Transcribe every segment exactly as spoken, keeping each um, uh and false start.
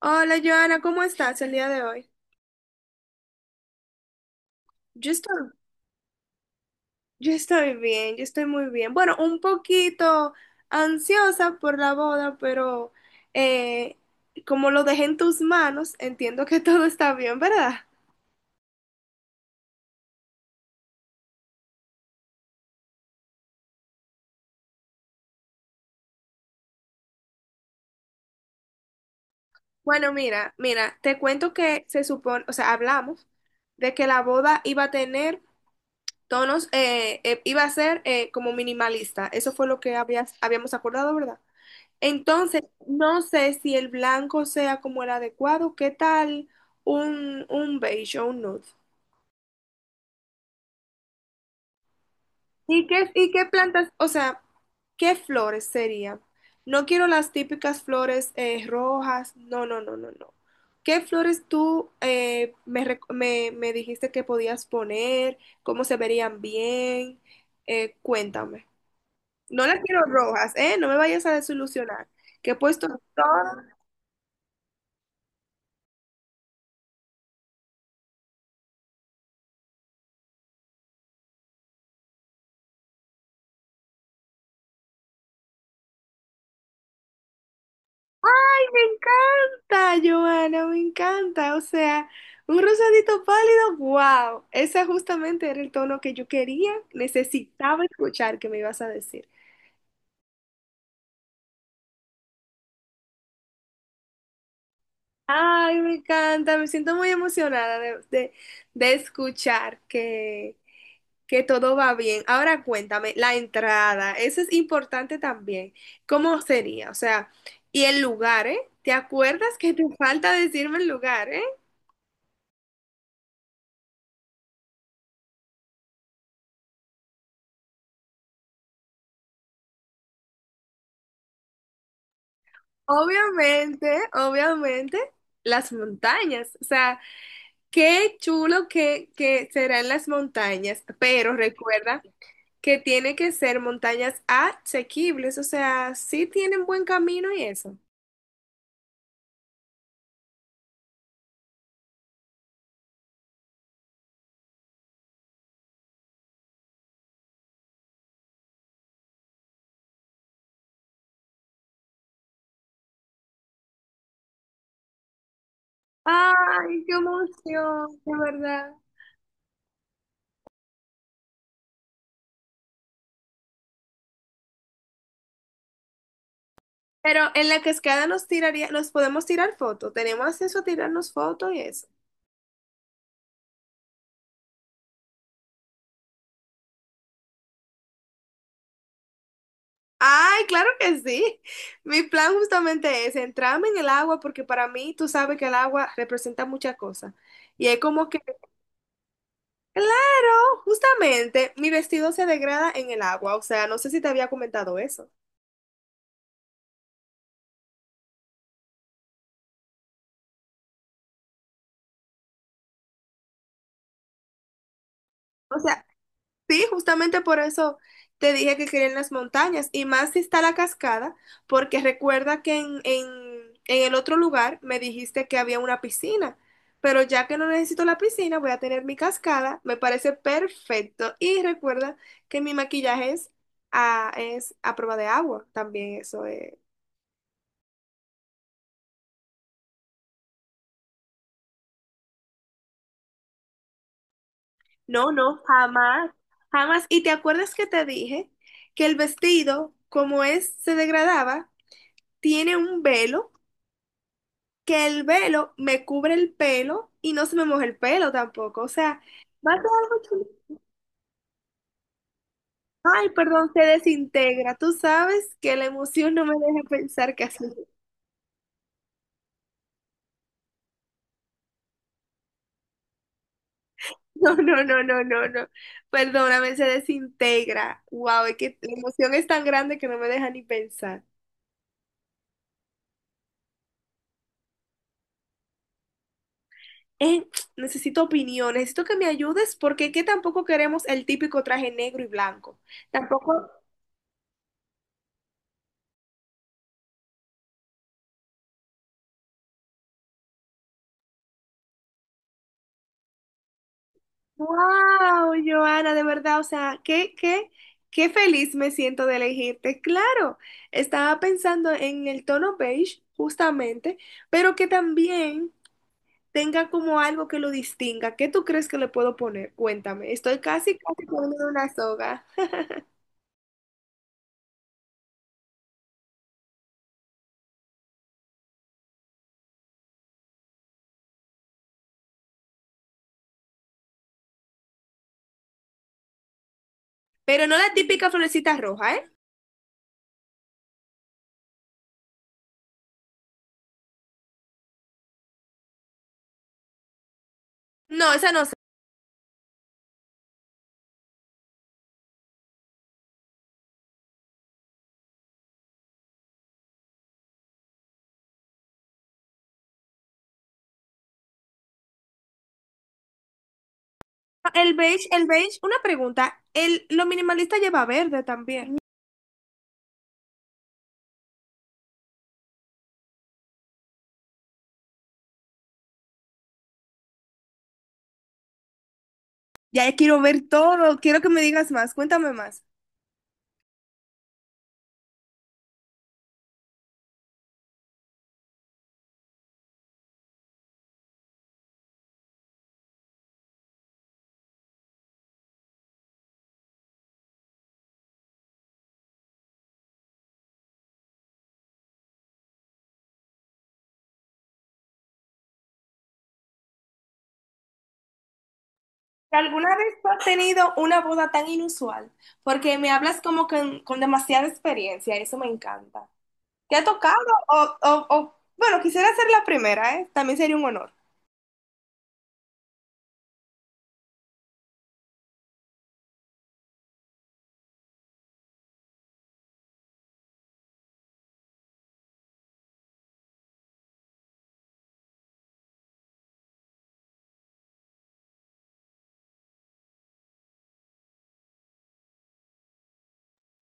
Hola Joana, ¿cómo estás el día de hoy? Yo estoy, yo estoy bien, yo estoy muy bien. Bueno, un poquito ansiosa por la boda, pero eh, como lo dejé en tus manos, entiendo que todo está bien, ¿verdad? Bueno, mira, mira, te cuento que se supone, o sea, hablamos de que la boda iba a tener tonos, eh, eh, iba a ser eh, como minimalista. Eso fue lo que habías, habíamos acordado, ¿verdad? Entonces, no sé si el blanco sea como el adecuado, ¿qué tal un, un beige o un nude? ¿Y qué, y qué plantas, o sea, qué flores sería? No quiero las típicas flores eh, rojas, no, no, no, no, no. ¿Qué flores tú eh, me, rec- me- me dijiste que podías poner? ¿Cómo se verían bien? Eh, cuéntame. No las quiero rojas, ¿eh? No me vayas a desilusionar, que he puesto todas. Me encanta, Joana, me encanta. O sea, un rosadito pálido, wow. Ese justamente era el tono que yo quería, necesitaba escuchar que me ibas a decir. Ay, me encanta, me siento muy emocionada de, de- de escuchar que, que todo va bien. Ahora cuéntame, la entrada, eso es importante también. ¿Cómo sería? O sea, y el lugar, ¿eh? ¿Te acuerdas que te falta decirme el lugar, eh? Obviamente, obviamente, las montañas. O sea, qué chulo que, que serán las montañas, pero recuerda que tiene que ser montañas asequibles. O sea, sí tienen buen camino y eso. Ay, qué emoción, de verdad. Pero en la cascada nos tiraría, nos podemos tirar fotos. Tenemos acceso a tirarnos fotos y eso. Ay, claro que sí. Mi plan justamente es entrarme en el agua porque para mí tú sabes que el agua representa muchas cosas. Y es como que, claro, justamente mi vestido se degrada en el agua. O sea, no sé si te había comentado eso. O sea, sí, justamente por eso te dije que quería en las montañas y más si está la cascada, porque recuerda que en, en, en el otro lugar me dijiste que había una piscina, pero ya que no necesito la piscina, voy a tener mi cascada, me parece perfecto. Y recuerda que mi maquillaje es a, es a prueba de agua, también eso es. No, no, jamás, jamás. ¿Y te acuerdas que te dije que el vestido, como es, se degradaba, tiene un velo? Que el velo me cubre el pelo y no se me moja el pelo tampoco. O sea, va a ser algo chulo. Ay, perdón, se desintegra. Tú sabes que la emoción no me deja pensar que así. No, no, no, no, no, no. Perdóname, se desintegra. Wow, es que la emoción es tan grande que no me deja ni pensar. Eh, necesito opinión, necesito que me ayudes porque es que tampoco queremos el típico traje negro y blanco. Tampoco. Wow, Joana, de verdad, o sea, qué, qué, qué feliz me siento de elegirte. Claro, estaba pensando en el tono beige, justamente, pero que también tenga como algo que lo distinga. ¿Qué tú crees que le puedo poner? Cuéntame. Estoy casi, casi poniendo una soga. Pero no la típica florecita roja, ¿eh? No, esa no sé. El beige, el beige, una pregunta. El, lo minimalista lleva verde también. Ya quiero ver todo, quiero que me digas más, cuéntame más. ¿Alguna vez tú has tenido una boda tan inusual? Porque me hablas como con, con demasiada experiencia, eso me encanta. ¿Te ha tocado? O, o- o- bueno, quisiera ser la primera, ¿eh? También sería un honor.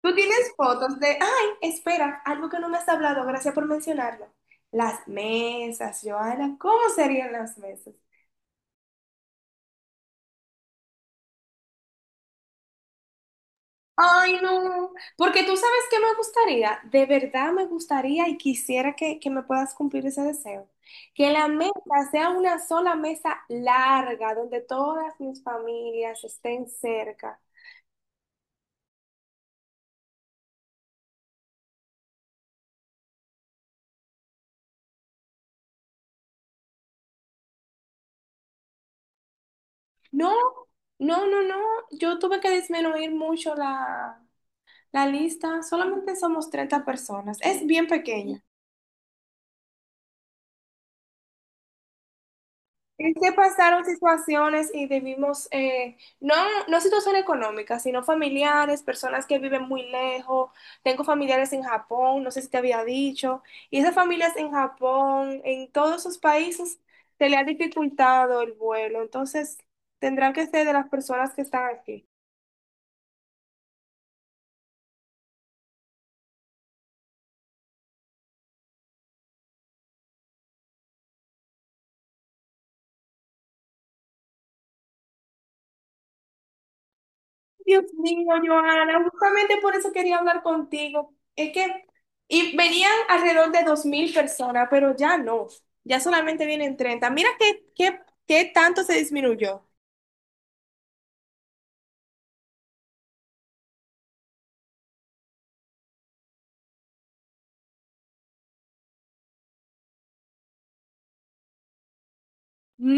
Tú tienes fotos de, ay, espera, algo que no me has hablado, gracias por mencionarlo. Las mesas, Joana, ¿cómo serían las mesas? Ay, no, porque tú sabes que me gustaría, de verdad me gustaría y quisiera que, que me puedas cumplir ese deseo, que la mesa sea una sola mesa larga donde todas mis familias estén cerca. No, no, no, no, yo tuve que disminuir mucho la, la lista, solamente somos treinta personas, es bien pequeña. Es que pasaron situaciones y debimos, eh, no, no situaciones económicas, sino familiares, personas que viven muy lejos. Tengo familiares en Japón, no sé si te había dicho, y esas familias en Japón, en todos esos países, se le ha dificultado el vuelo. Entonces, tendrán que ser de las personas que están aquí. Dios mío, Joana, justamente por eso quería hablar contigo. Es que, y venían alrededor de dos mil personas, pero ya no, ya solamente vienen treinta. Mira qué, qué, qué tanto se disminuyó.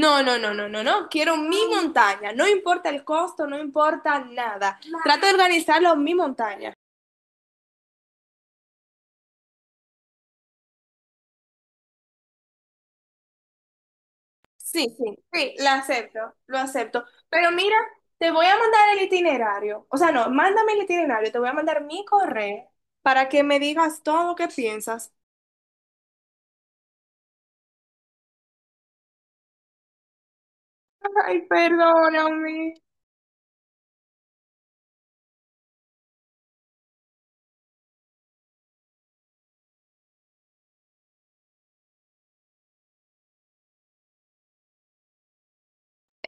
No, no, no, no, no, no, quiero mi montaña, no importa el costo, no importa nada. Trato de organizarlo en mi montaña. Sí, sí, sí, la acepto, lo acepto. Pero mira, te voy a mandar el itinerario. O sea, no, mándame el itinerario, te voy a mandar mi correo para que me digas todo lo que piensas. Ay, perdóname.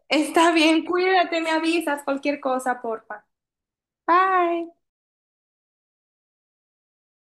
Está bien, cuídate, me avisas cualquier cosa, porfa. Bye.